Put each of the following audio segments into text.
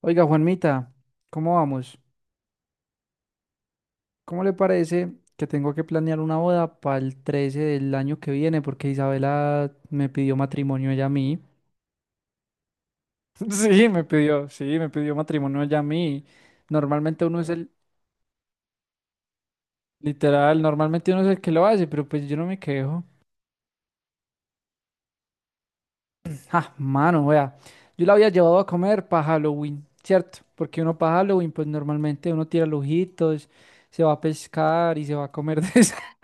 Oiga, Juanmita, ¿cómo vamos? ¿Cómo le parece que tengo que planear una boda para el 13 del año que viene? Porque Isabela me pidió matrimonio ella a mí. Sí, me pidió matrimonio ella a mí. Normalmente uno es el, Literal, normalmente uno es el que lo hace, pero pues yo no me quejo. Ah, mano, vea, yo la había llevado a comer para Halloween, ¿cierto? Porque uno para Halloween, pues normalmente uno tira lujitos, se va a pescar y se va a comer de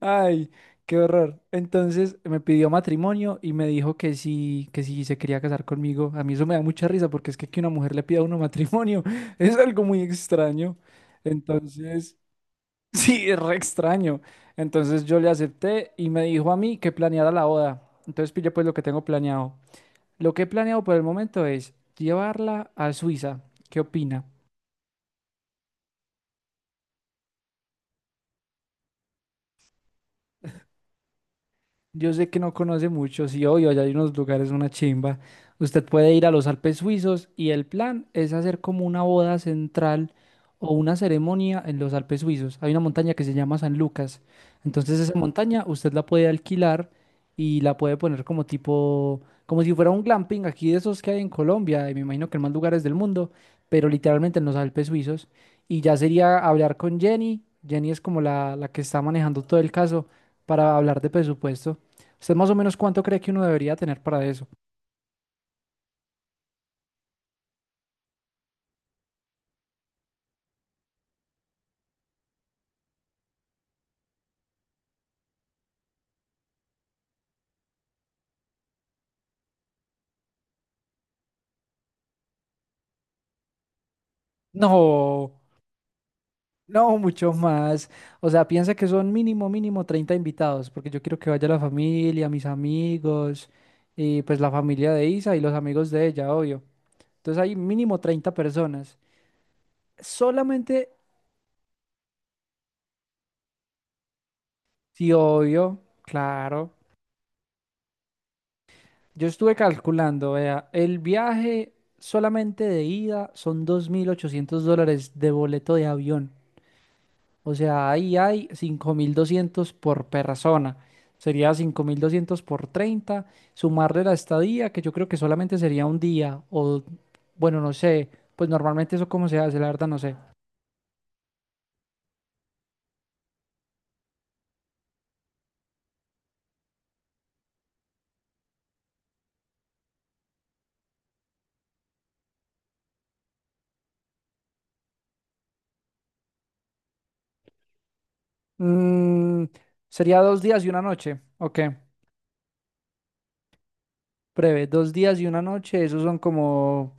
Ay, qué horror. Entonces me pidió matrimonio y me dijo que sí se quería casar conmigo. A mí eso me da mucha risa porque es que una mujer le pida a uno matrimonio es algo muy extraño. Entonces, sí, es re extraño. Entonces yo le acepté y me dijo a mí que planeara la boda. Entonces pille pues lo que tengo planeado. Lo que he planeado por el momento es llevarla a Suiza. ¿Qué opina? Yo sé que no conoce mucho, sí, obvio, allá hay unos lugares, una chimba. Usted puede ir a los Alpes suizos y el plan es hacer como una boda central o una ceremonia en los Alpes suizos. Hay una montaña que se llama San Lucas. Entonces esa montaña usted la puede alquilar y la puede poner como tipo, como si fuera un glamping aquí de esos que hay en Colombia y me imagino que en más lugares del mundo, pero literalmente en los Alpes suizos. Y ya sería hablar con Jenny. Jenny es como la que está manejando todo el caso para hablar de presupuesto. ¿Usted más o menos cuánto cree que uno debería tener para eso? No, no, mucho más. O sea, piensa que son mínimo, mínimo 30 invitados, porque yo quiero que vaya la familia, mis amigos, y pues la familia de Isa y los amigos de ella, obvio. Entonces hay mínimo 30 personas. Solamente, sí, obvio, claro. Yo estuve calculando, vea, el viaje solamente de ida son $2.800 de boleto de avión. O sea, ahí hay 5.200 por persona. Sería 5.200 por 30. Sumarle la estadía, que yo creo que solamente sería un día. O, bueno, no sé. Pues normalmente eso cómo se hace, la verdad no sé. Mm, Sería 2 días y una noche. Ok, breve. 2 días y una noche. Esos son como...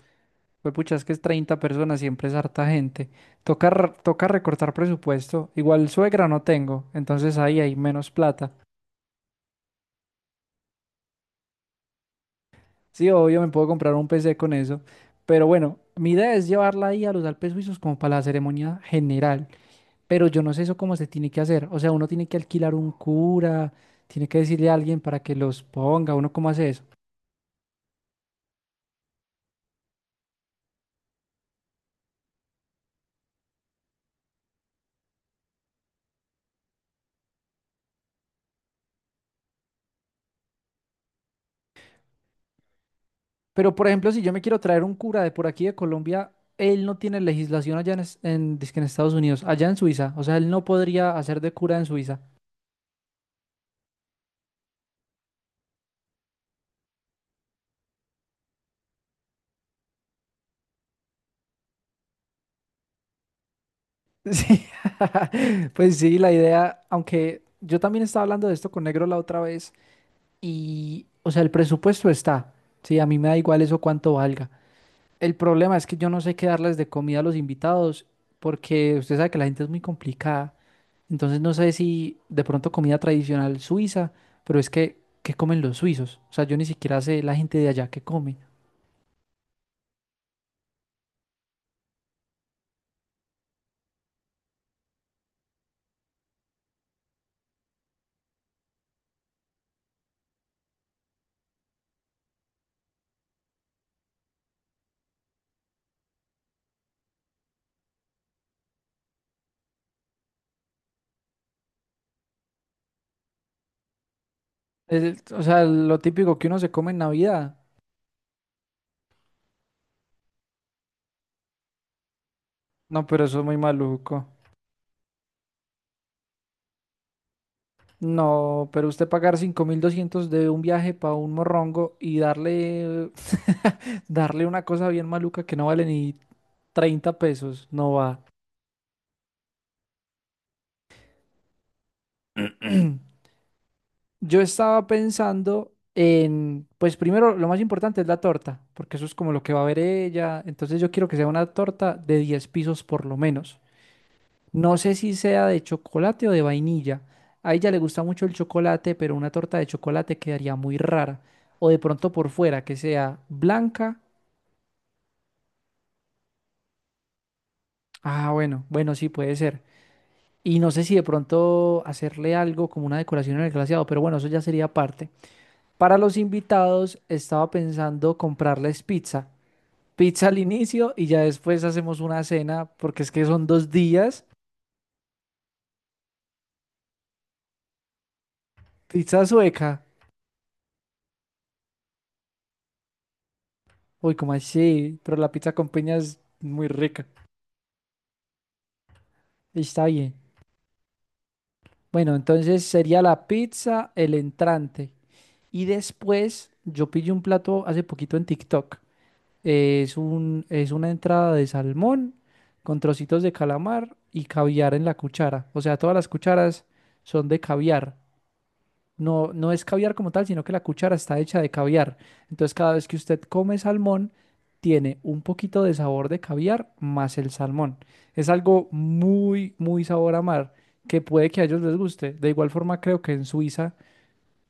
pues pucha, es que es 30 personas, siempre es harta gente. Toca, toca recortar presupuesto. Igual suegra no tengo, entonces ahí hay menos plata. Sí, obvio, me puedo comprar un PC con eso. Pero bueno, mi idea es llevarla ahí a los Alpes Suizos como para la ceremonia general. Pero yo no sé eso cómo se tiene que hacer. O sea, uno tiene que alquilar un cura, tiene que decirle a alguien para que los ponga, uno cómo hace eso. Pero por ejemplo, si yo me quiero traer un cura de por aquí de Colombia, él no tiene legislación allá en, dizque en Estados Unidos, allá en Suiza. O sea, él no podría hacer de cura en Suiza. Sí, pues sí, la idea, aunque yo también estaba hablando de esto con Negro la otra vez. Y, o sea, el presupuesto está. Sí, a mí me da igual eso cuánto valga. El problema es que yo no sé qué darles de comida a los invitados porque usted sabe que la gente es muy complicada. Entonces no sé si de pronto comida tradicional suiza, pero es que, ¿qué comen los suizos? O sea, yo ni siquiera sé la gente de allá qué come. Es- o sea, lo típico que uno se come en Navidad. No, pero eso es muy maluco. No, pero usted pagar 5.200 de un viaje para un morrongo y darle, darle una cosa bien maluca que no vale ni 30 pesos, no va. Yo estaba pensando en, pues primero, lo más importante es la torta, porque eso es como lo que va a ver ella. Entonces yo quiero que sea una torta de 10 pisos por lo menos. No sé si sea de chocolate o de vainilla. A ella le gusta mucho el chocolate, pero una torta de chocolate quedaría muy rara. O de pronto por fuera, que sea blanca. Ah, bueno, bueno, sí puede ser. Y no sé si de pronto hacerle algo como una decoración en el glaseado, pero bueno, eso ya sería parte. Para los invitados, estaba pensando comprarles pizza. Pizza al inicio y ya después hacemos una cena, porque es que son 2 días. Pizza sueca. Uy, como así, pero la pizza con piña es muy rica. Está bien. Bueno, entonces sería la pizza, el entrante. Y después yo pillé un plato hace poquito en TikTok. Es una entrada de salmón con trocitos de calamar y caviar en la cuchara. O sea, todas las cucharas son de caviar. No, no es caviar como tal, sino que la cuchara está hecha de caviar. Entonces, cada vez que usted come salmón, tiene un poquito de sabor de caviar más el salmón. Es algo muy, muy sabor a mar, que puede que a ellos les guste. De igual forma, creo que en Suiza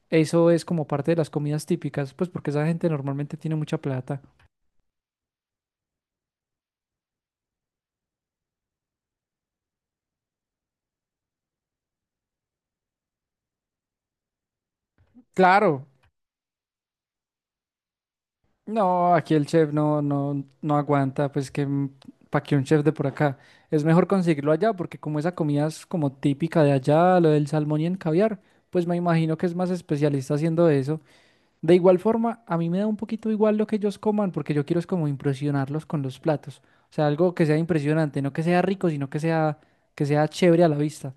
eso es como parte de las comidas típicas, pues porque esa gente normalmente tiene mucha plata. Claro. No, aquí el chef no, no, no aguanta, pues que para que un chef de por acá. Es mejor conseguirlo allá, porque como esa comida es como típica de allá, lo del salmón y el caviar, pues me imagino que es más especialista haciendo eso. De igual forma, a mí me da un poquito igual lo que ellos coman, porque yo quiero es como impresionarlos con los platos. O sea, algo que sea impresionante, no que sea rico, sino que sea chévere a la vista.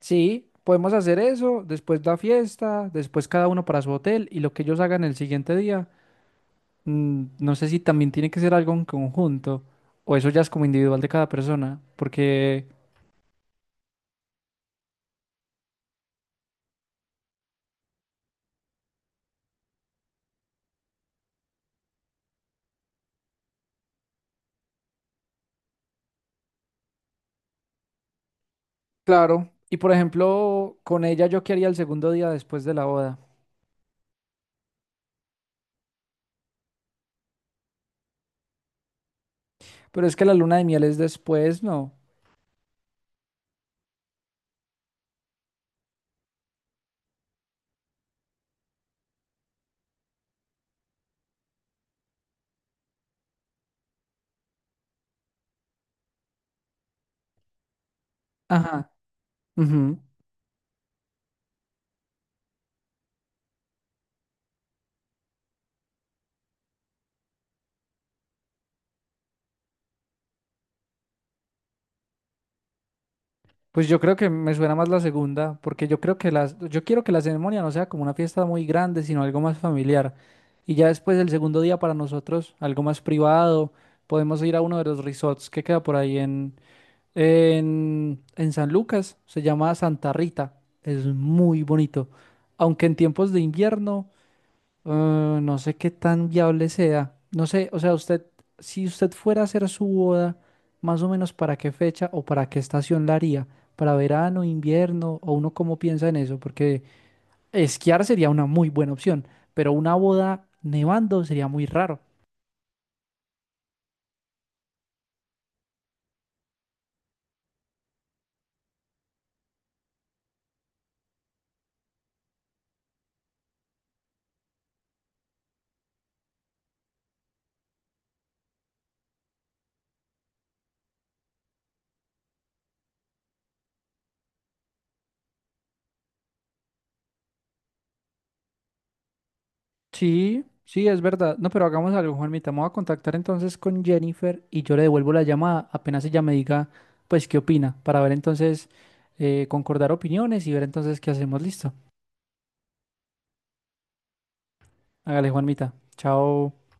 Sí, podemos hacer eso, después la fiesta, después cada uno para su hotel, y lo que ellos hagan el siguiente día. No sé si también tiene que ser algo en conjunto o eso ya es como individual de cada persona, porque, claro, y por ejemplo, con ella yo quería el segundo día después de la boda, pero es que la luna de miel es después, ¿no? Ajá. Ujú. Pues yo creo que me suena más la segunda, porque yo creo que las, yo quiero que la ceremonia no sea como una fiesta muy grande, sino algo más familiar. Y ya después el segundo día para nosotros, algo más privado, podemos ir a uno de los resorts que queda por ahí. En San Lucas se llama Santa Rita. Es muy bonito. Aunque en tiempos de invierno, no sé qué tan viable sea. No sé, o sea, usted, si usted fuera a hacer su boda, más o menos para qué fecha o para qué estación la haría. ¿Para verano, invierno? ¿O uno cómo piensa en eso? Porque esquiar sería una muy buena opción, pero una boda nevando sería muy raro. Sí, sí, es verdad. No, pero hagamos algo, Juanmita. Me voy a contactar entonces con Jennifer y yo le devuelvo la llamada apenas ella me diga, pues, qué opina, para ver entonces, concordar opiniones y ver entonces qué hacemos. Listo. Hágale, Juanmita. Chao.